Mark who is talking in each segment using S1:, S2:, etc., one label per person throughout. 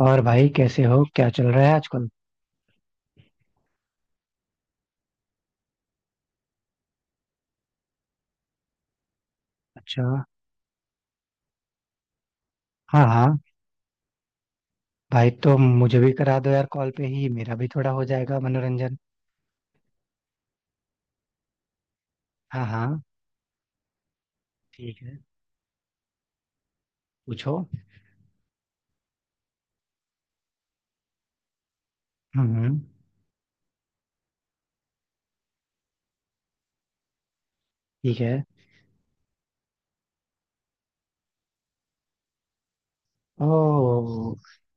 S1: और भाई कैसे हो, क्या चल रहा है आजकल। अच्छा। हाँ हाँ। भाई तो मुझे भी करा दो यार, कॉल पे ही मेरा भी थोड़ा हो जाएगा मनोरंजन। हाँ हाँ। ठीक है। पूछो। हम्म। ठीक है। ओ,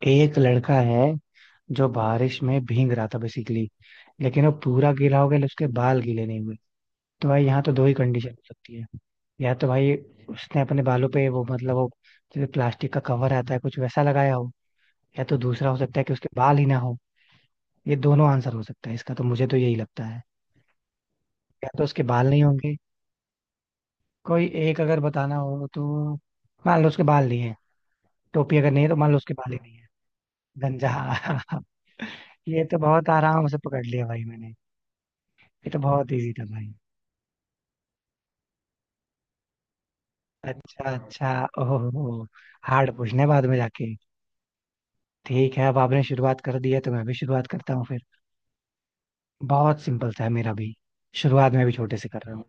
S1: एक लड़का है जो बारिश में भीग रहा था बेसिकली, लेकिन वो पूरा गीला हो गया लेकिन उसके बाल गीले नहीं हुए। तो भाई यहाँ तो दो ही कंडीशन हो सकती है। या तो भाई उसने अपने बालों पे वो जैसे प्लास्टिक का कवर आता है, कुछ वैसा लगाया हो। या तो दूसरा हो सकता है कि उसके बाल ही ना हो। ये दोनों आंसर हो सकता है इसका, तो मुझे तो यही लगता है। या तो उसके बाल नहीं होंगे। कोई एक अगर बताना हो तो मान लो उसके बाल नहीं है। टोपी अगर नहीं है तो मान लो उसके बाल ही नहीं है। गंजा। ये तो बहुत आराम से पकड़ लिया भाई मैंने। ये तो बहुत इजी था भाई। अच्छा अच्छा। ओहो। हार्ड पूछने बाद में जाके। ठीक है, अब आपने शुरुआत कर दी है तो मैं भी शुरुआत करता हूँ फिर। बहुत सिंपल सा है मेरा भी। शुरुआत में भी छोटे से कर रहा हूँ।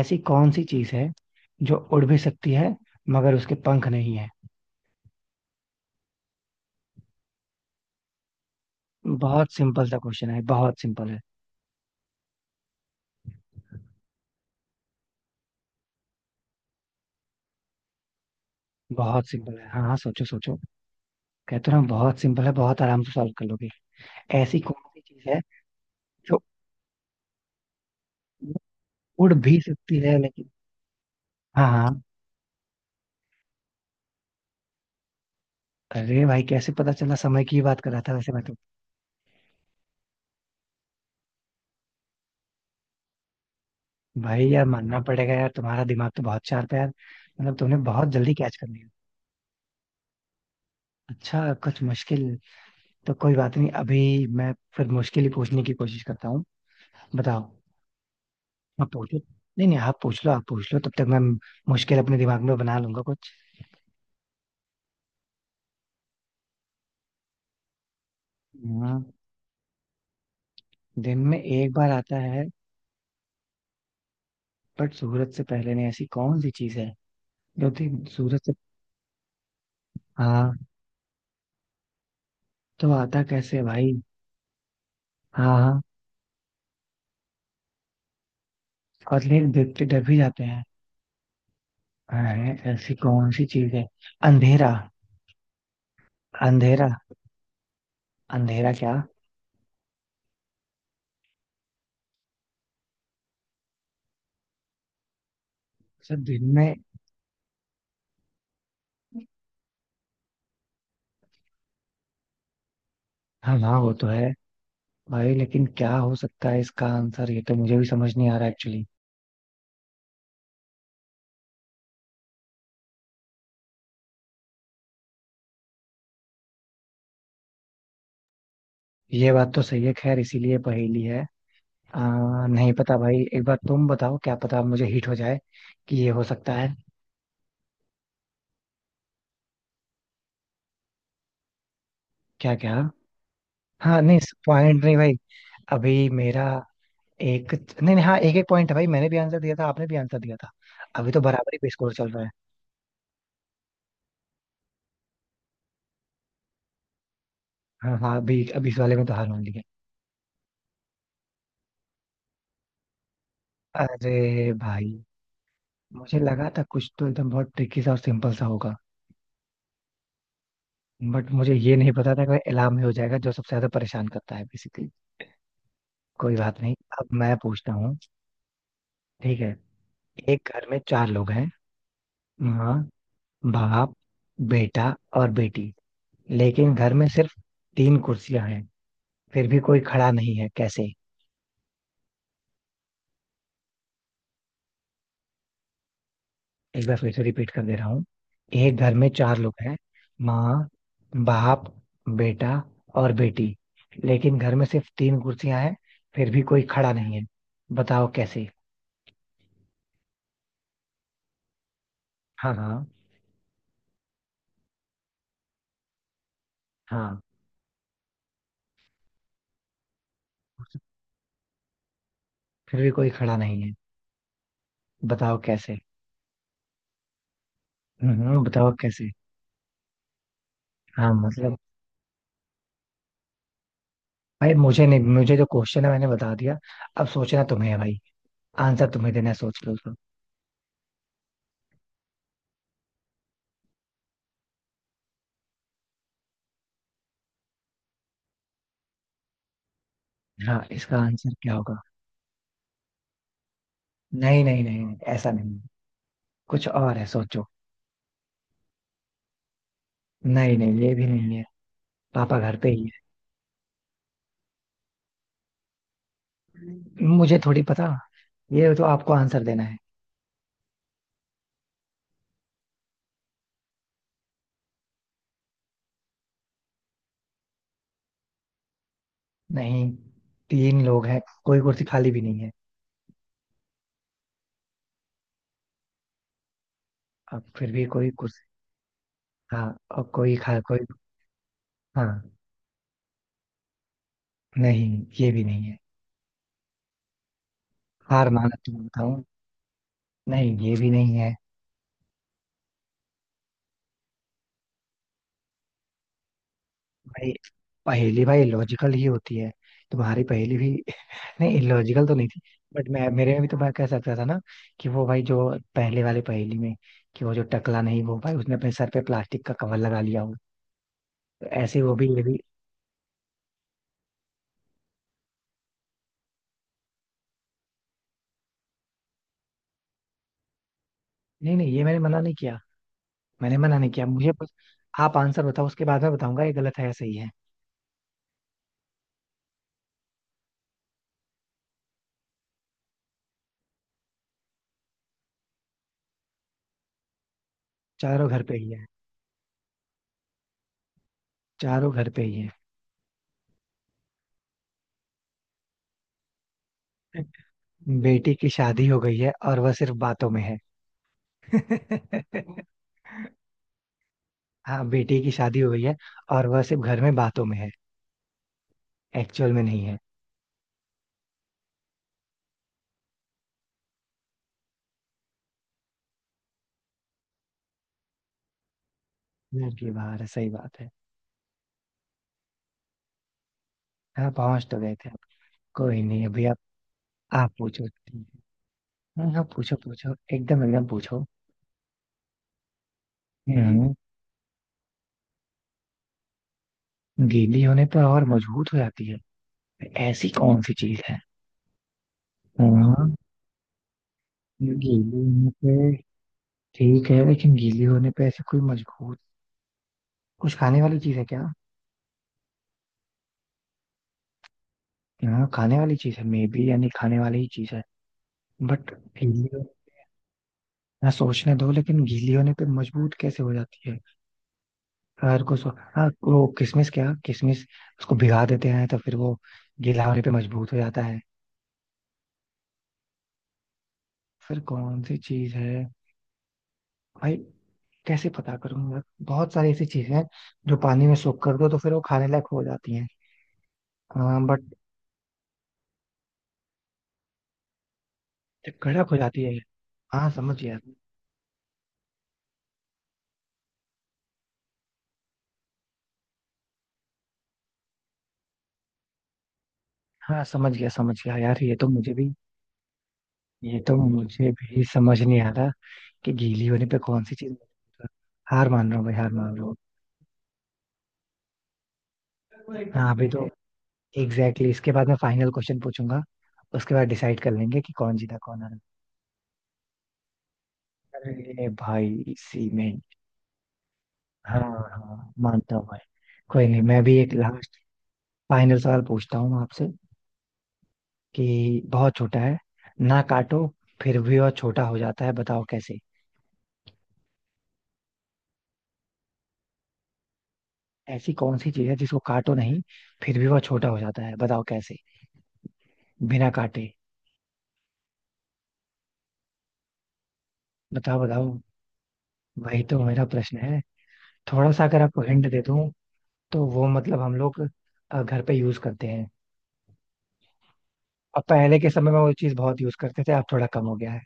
S1: ऐसी कौन सी चीज है जो उड़ भी सकती है मगर उसके पंख नहीं है। बहुत सिंपल सा क्वेश्चन है, बहुत सिंपल है। बहुत सिंपल है, हाँ हाँ, सोचो सोचो। कहते हो ना बहुत सिंपल है, बहुत आराम से सॉल्व कर लोगे। ऐसी कौन सी चीज है जो उड़ भी सकती है लेकिन। हाँ हाँ। अरे भाई, कैसे पता चला, समय की ही बात कर रहा था वैसे मैं तो। भाई यार मानना पड़ेगा यार, तुम्हारा दिमाग तो बहुत शार्प है यार, मतलब तुमने बहुत जल्दी कैच कर लिया। अच्छा, कुछ मुश्किल तो कोई बात नहीं, अभी मैं फिर मुश्किल ही पूछने की कोशिश करता हूँ। बताओ। आप पूछो, नहीं नहीं, आप पूछ लो, आप पूछ लो, तब तक मैं मुश्किल अपने दिमाग में बना लूंगा कुछ। हाँ। दिन में एक बार आता है बट सूरज से पहले नहीं, ऐसी कौन सी चीज है, क्योंकि सूरज से। हाँ। तो आता कैसे है भाई। हाँ हाँ। और लेकिन देखते डर भी जाते हैं। अरे, ऐसी कौन सी चीज है। अंधेरा। अंधेरा। अंधेरा क्या। सर दिन में। हाँ हाँ वो तो है। भाई लेकिन क्या हो सकता है इसका आंसर, ये तो मुझे भी समझ नहीं आ रहा एक्चुअली। ये बात तो सही है, खैर इसीलिए पहेली है। नहीं पता भाई, एक बार तुम बताओ, क्या पता मुझे हिट हो जाए कि ये हो सकता है। क्या क्या। हाँ नहीं। पॉइंट नहीं भाई अभी। मेरा एक। नहीं नहीं, हाँ एक एक पॉइंट है भाई, मैंने भी आंसर दिया था, आपने भी आंसर दिया था। अभी तो बराबरी पे स्कोर चल रहा है। हाँ हाँ, अभी अभी इस वाले में तो हार मान ली है। अरे भाई। मुझे लगा था कुछ तो एकदम बहुत ट्रिकी सा और सिंपल सा होगा। बट मुझे ये नहीं पता था कि इलाम ही हो जाएगा जो सबसे ज्यादा परेशान करता है बेसिकली। कोई बात नहीं। अब मैं पूछता हूँ। ठीक है। एक घर में चार लोग हैं। माँ, बाप, बेटा और बेटी। लेकिन घर में सिर्फ तीन कुर्सियां हैं। फिर भी कोई खड़ा नहीं है, कैसे। एक बार फिर से रिपीट कर दे रहा हूँ। एक घर में चार लोग हैं। माँ, बाप, बेटा और बेटी। लेकिन घर में सिर्फ तीन कुर्सियां हैं। फिर भी कोई खड़ा नहीं है, बताओ कैसे। हाँ हाँ। हाँ। फिर भी कोई खड़ा नहीं है। बताओ कैसे। बताओ कैसे। हाँ, मतलब भाई, मुझे नहीं, मुझे जो क्वेश्चन है मैंने बता दिया। अब सोचना तुम्हें है भाई। आंसर तुम्हें देना है, सोच लो उसको। हाँ, इसका आंसर क्या होगा। नहीं नहीं नहीं नहीं, ऐसा नहीं, कुछ और है, सोचो। नहीं नहीं ये भी नहीं है, पापा घर पे ही है। मुझे थोड़ी पता, ये तो आपको आंसर देना है। नहीं, तीन लोग हैं, कोई कुर्सी खाली भी नहीं है। अब फिर भी कोई कुर्सी। हाँ। और कोई खा कोई। हाँ। नहीं ये भी नहीं है। हार माना, तुम बताऊं। नहीं ये भी नहीं है। भाई, पहेली भाई लॉजिकल ही होती है। तुम्हारी पहेली भी नहीं लॉजिकल तो नहीं थी। बट मैं, मेरे में भी तो मैं कह सकता था ना कि वो भाई जो पहले वाले पहेली में, कि वो जो टकला नहीं, वो भाई उसने अपने सर पे प्लास्टिक का कवर लगा लिया हो। तो ऐसे ही वो भी, ये भी। नहीं नहीं, ये मैंने मना नहीं किया, मैंने मना नहीं किया, मुझे बस। आप आंसर बताओ, उसके बाद मैं बताऊंगा ये गलत है या सही है। चारों घर पे ही है। चारों घर पे ही है। बेटी की शादी हो गई है और वह सिर्फ बातों में है। हाँ, बेटी की शादी हो गई है, और वह सिर्फ घर में बातों में है, एक्चुअल में नहीं है। घर के बाहर है, सही बात है। हाँ, पहुंच तो गए थे आप। कोई नहीं, अभी आप। आप पूछो, ठीक है। हाँ हाँ, पूछो पूछो, एकदम एकदम पूछो। हम्म। गीली होने पर और मजबूत हो जाती है, ऐसी कौन सी चीज है। हाँ, ये गीली होने पे ठीक है, लेकिन गीली होने पे ऐसी कोई मजबूत, कुछ खाने वाली चीज है क्या। हाँ, खाने वाली चीज है मे बी, यानी खाने वाली ही चीज है बट गीली हो-, हाँ सोचने दो, लेकिन गीली होने पे मजबूत कैसे हो जाती है। हर को सो, हाँ वो किशमिश, क्या किशमिश, उसको भिगा देते हैं तो फिर वो गीला होने पे मजबूत हो जाता है। फिर कौन सी चीज है भाई, कैसे पता करूंगा, बहुत सारी ऐसी चीजें हैं जो पानी में सोख कर दो तो फिर वो खाने लायक हो जाती हैं। हाँ बट जब कड़क हो जाती है। हाँ समझ गया। हाँ समझ गया, समझ गया यार, ये तो मुझे भी। ये तो मुझे भी समझ नहीं आ रहा कि गीली होने पे कौन सी चीज। हार मान रहा हूँ भाई, हार मान रहा हूँ। हाँ अभी तो एग्जैक्टली exactly, इसके बाद मैं फाइनल क्वेश्चन पूछूंगा, उसके बाद डिसाइड कर लेंगे कि कौन जीता कौन हारा। अरे भाई इसी में ही। हाँ हाँ, मानता हूँ भाई। कोई नहीं, मैं भी एक लास्ट। फाइनल सवाल पूछता हूँ आपसे कि बहुत छोटा है, ना काटो फिर भी वह छोटा हो जाता है, बताओ कैसे। ऐसी कौन सी चीज है जिसको काटो नहीं, फिर भी वह छोटा हो जाता है, बताओ कैसे। बिना काटे। बताओ बताओ, वही तो मेरा प्रश्न है। थोड़ा सा अगर आपको हिंट दे दूं, तो वो मतलब हम लोग घर पे यूज करते हैं। अब पहले के समय में वो चीज बहुत यूज करते थे, अब थोड़ा कम हो गया है।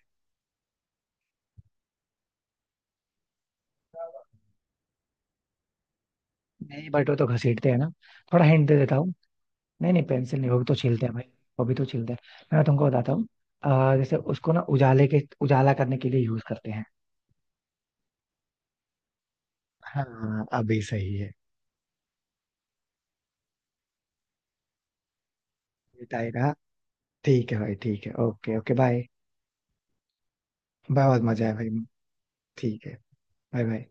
S1: नहीं बट वो तो घसीटते हैं ना, थोड़ा हिंट दे देता हूँ। नहीं नहीं पेंसिल नहीं, वो भी तो छीलते हैं भाई। वो भी तो छीलते हैं, मैं तुमको बताता हूँ। जैसे उसको ना उजाले के, उजाला करने के लिए यूज करते हैं। हाँ अभी सही है। बताएगा। ठीक है भाई, ठीक है, ओके ओके, बाय। बहुत मजा है भाई। ठीक है। Bye bye.